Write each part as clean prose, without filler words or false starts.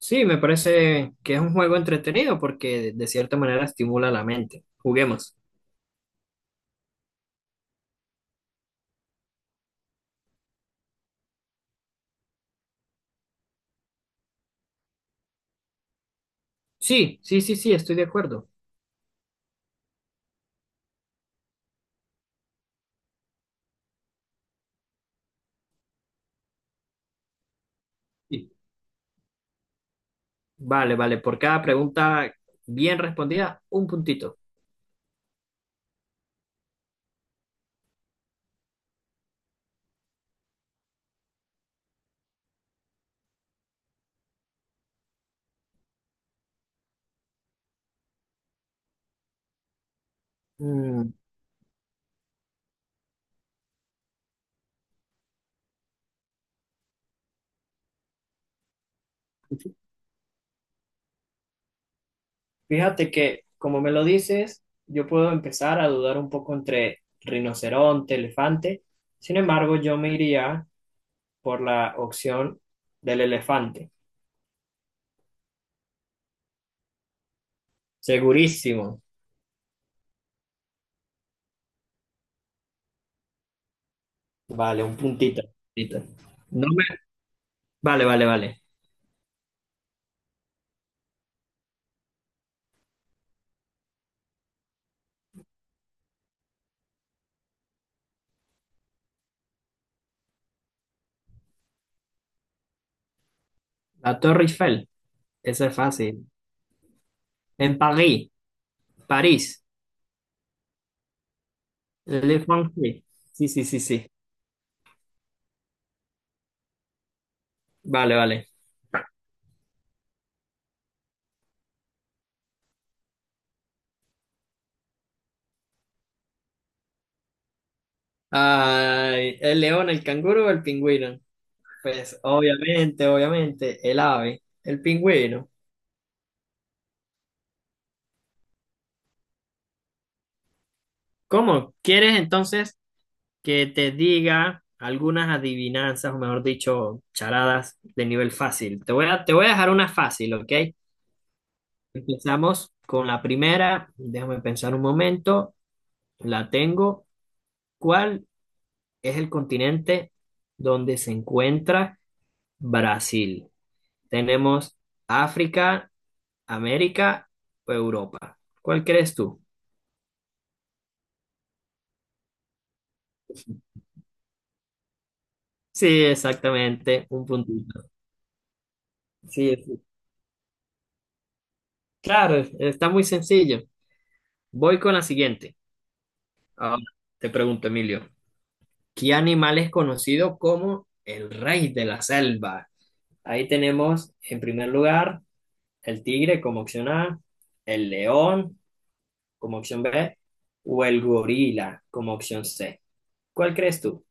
Sí, me parece que es un juego entretenido porque de cierta manera estimula la mente. Juguemos. Sí, sí, sí, sí, estoy de acuerdo. Y- Vale, vale, por cada pregunta bien respondida, un puntito. Mm, Fíjate que, como me lo dices, yo puedo empezar a dudar un poco entre rinoceronte, elefante. Sin embargo, yo me iría por la opción del elefante. Segurísimo. Vale, un puntito. Puntito. No me- Vale, vale, vale. La Torre Eiffel. Eso es fácil. En París, París, Le Français. Sí, sí, sí, sí. Vale, vale. Ay, el león, el canguro o el pingüino. Pues obviamente, obviamente, el ave, el pingüino. ¿Cómo? ¿Quieres entonces que te diga algunas adivinanzas, o mejor dicho, charadas de nivel fácil? Te voy a dejar una fácil, ¿ok? Empezamos con la primera. Déjame pensar un momento. La tengo. ¿Cuál es el continente donde se encuentra Brasil? Tenemos África, América o Europa. ¿Cuál crees tú? Sí, exactamente, un puntito. Sí, sí. Claro, está muy sencillo. Voy con la siguiente. Ahora te pregunto, Emilio, ¿qué animal es conocido como el rey de la selva? Ahí tenemos, en primer lugar, el tigre como opción A, el león como opción B o el gorila como opción C. ¿Cuál crees tú?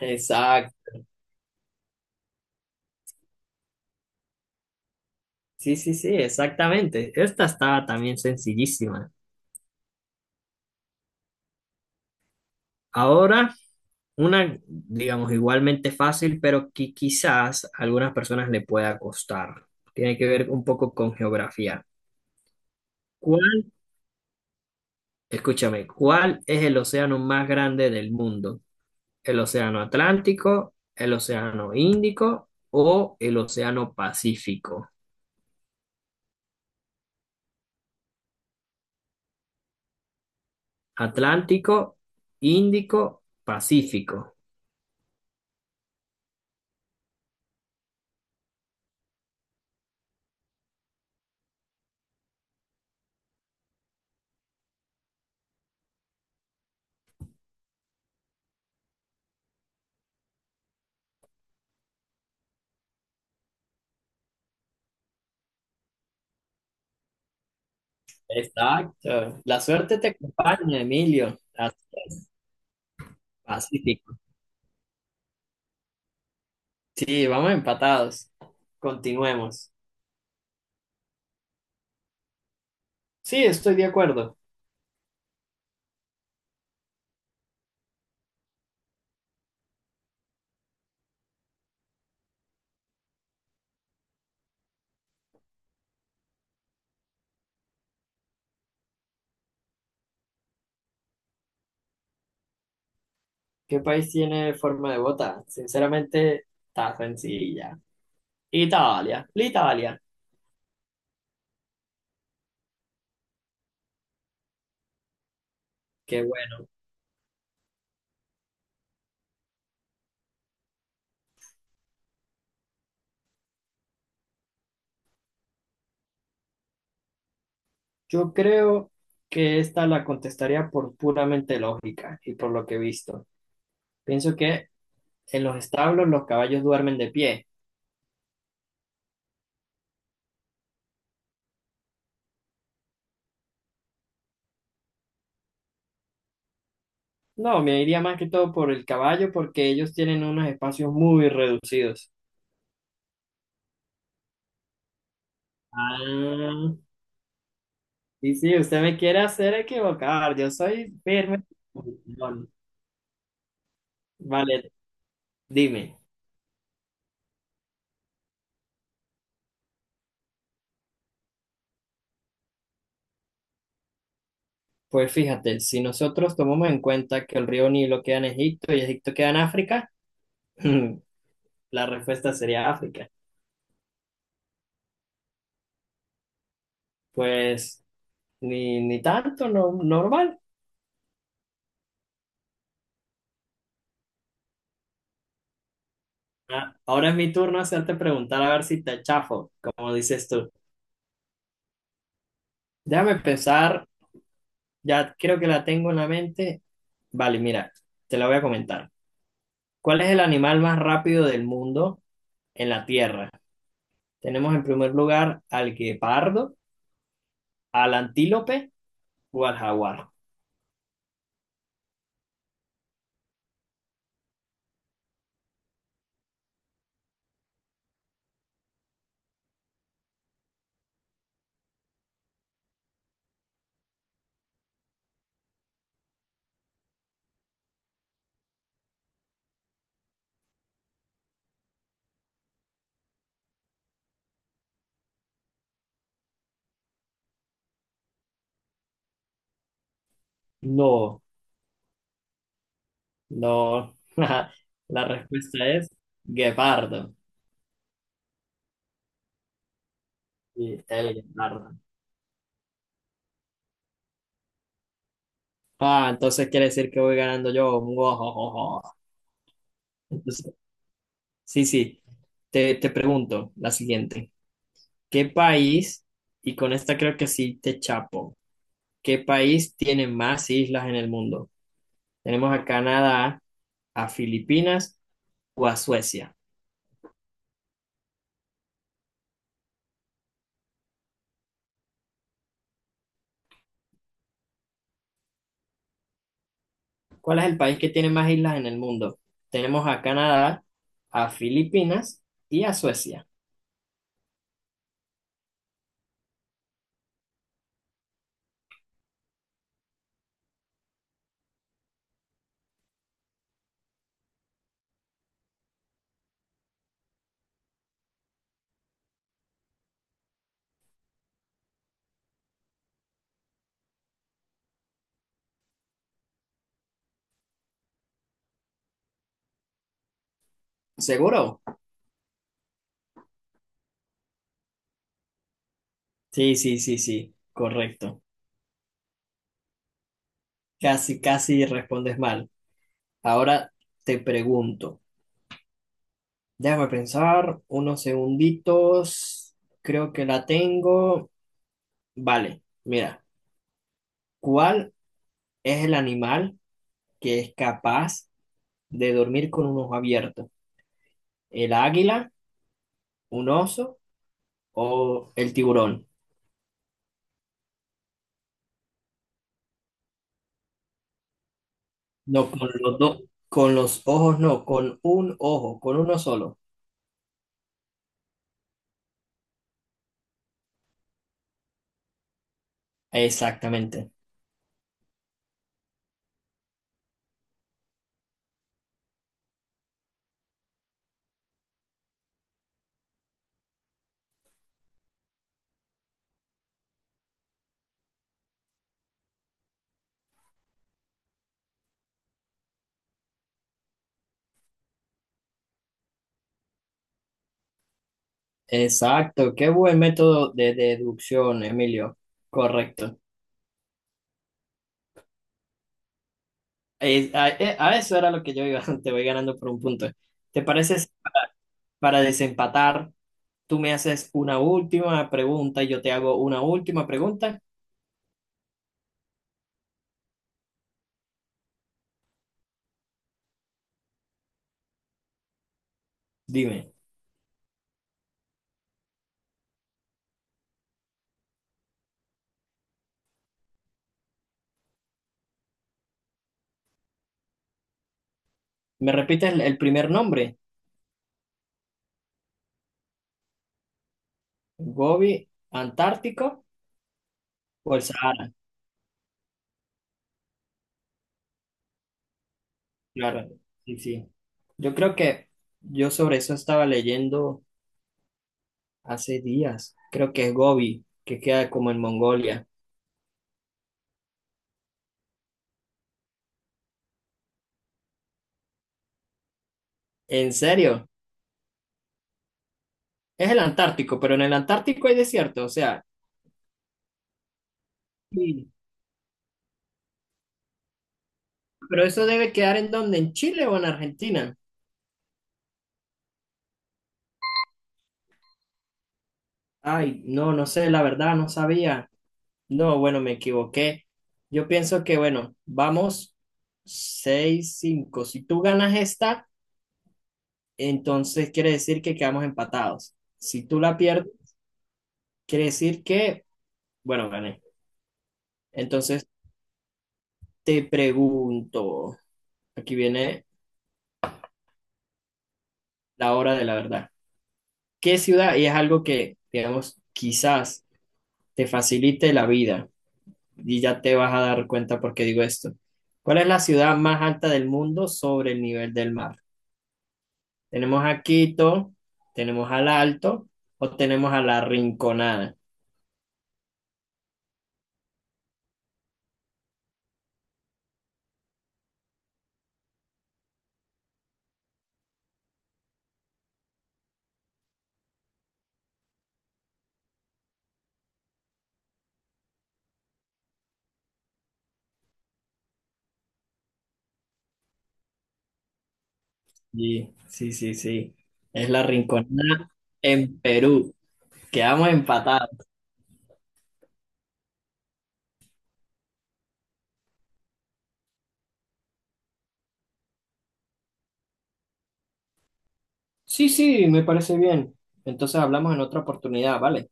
Exacto. Sí, sí, sí, exactamente. Esta estaba también sencillísima. Ahora, una, digamos, igualmente fácil, pero que quizás a algunas personas le pueda costar. Tiene que ver un poco con geografía. ¿Cuál, escúchame, cuál es el océano más grande del mundo? ¿El océano Atlántico, el océano Índico o el océano Pacífico? Atlántico, Índico, Pacífico. Exacto. La suerte te acompaña, Emilio. Así es. Pacífico. Sí, vamos empatados. Continuemos. Sí, estoy de acuerdo. ¿Qué país tiene forma de bota? Sinceramente, está sencilla. Italia. L'Italia. Qué bueno. Yo creo que esta la contestaría por puramente lógica y por lo que he visto. Pienso que en los establos los caballos duermen de pie. No, me iría más que todo por el caballo porque ellos tienen unos espacios muy reducidos. Ah, y sí, usted me quiere hacer equivocar, yo soy firme. Bueno, vale, dime. Pues fíjate, si nosotros tomamos en cuenta que el río Nilo queda en Egipto y Egipto queda en África, la respuesta sería África. Pues ni tanto, no, normal. Ah, ahora es mi turno hacerte preguntar a ver si te chafo, como dices tú. Déjame pensar. Ya creo que la tengo en la mente. Vale, mira, te la voy a comentar. ¿Cuál es el animal más rápido del mundo en la Tierra? Tenemos en primer lugar al guepardo, al antílope o al jaguar. No, no. La respuesta es guepardo. Sí, el guepardo. Ah, entonces quiere decir que voy ganando yo. Uojojojo. Entonces, sí, sí. Te pregunto la siguiente. ¿Qué país? Y con esta creo que sí te chapo. ¿Qué país tiene más islas en el mundo? Tenemos a Canadá, a Filipinas o a Suecia. ¿Cuál es el país que tiene más islas en el mundo? Tenemos a Canadá, a Filipinas y a Suecia. ¿Seguro? Sí, sí, sí, sí, correcto. Casi, casi respondes mal. Ahora te pregunto. Déjame pensar unos segunditos. Creo que la tengo. Vale, mira, ¿cuál es el animal que es capaz de dormir con un ojo abierto? ¿El águila, un oso o el tiburón? No, con los dos, con los ojos no, con un ojo, con uno solo. Exactamente. Exacto, qué buen método de deducción, Emilio. Correcto. A eso era lo que yo iba, te voy ganando por un punto. ¿Te parece si para, para desempatar, tú me haces una última pregunta y yo te hago una última pregunta? Dime, ¿me repites el primer nombre? Gobi, Antártico o el Sahara. Claro, sí, sí. Yo creo que yo sobre eso estaba leyendo hace días. Creo que es Gobi, que queda como en Mongolia. ¿En serio? Es el Antártico, pero en el Antártico hay desierto, o sea. Sí. Pero eso debe quedar en donde, ¿en Chile o en Argentina? Ay, no, no sé, la verdad, no sabía. No, bueno, me equivoqué. Yo pienso que, bueno, vamos 6, 5. Si tú ganas esta... Entonces quiere decir que quedamos empatados. Si tú la pierdes, quiere decir que, bueno, gané. Entonces te pregunto, aquí viene la hora de la verdad. ¿Qué ciudad? Y es algo que, digamos, quizás te facilite la vida y ya te vas a dar cuenta por qué digo esto. ¿Cuál es la ciudad más alta del mundo sobre el nivel del mar? Tenemos a Quito, tenemos al Alto o tenemos a la Rinconada. Sí, sí, sí, sí. Es la Rinconada en Perú. Quedamos empatados. Sí, sí, me parece bien. Entonces hablamos en otra oportunidad, ¿vale?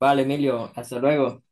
Vale, Emilio, hasta luego.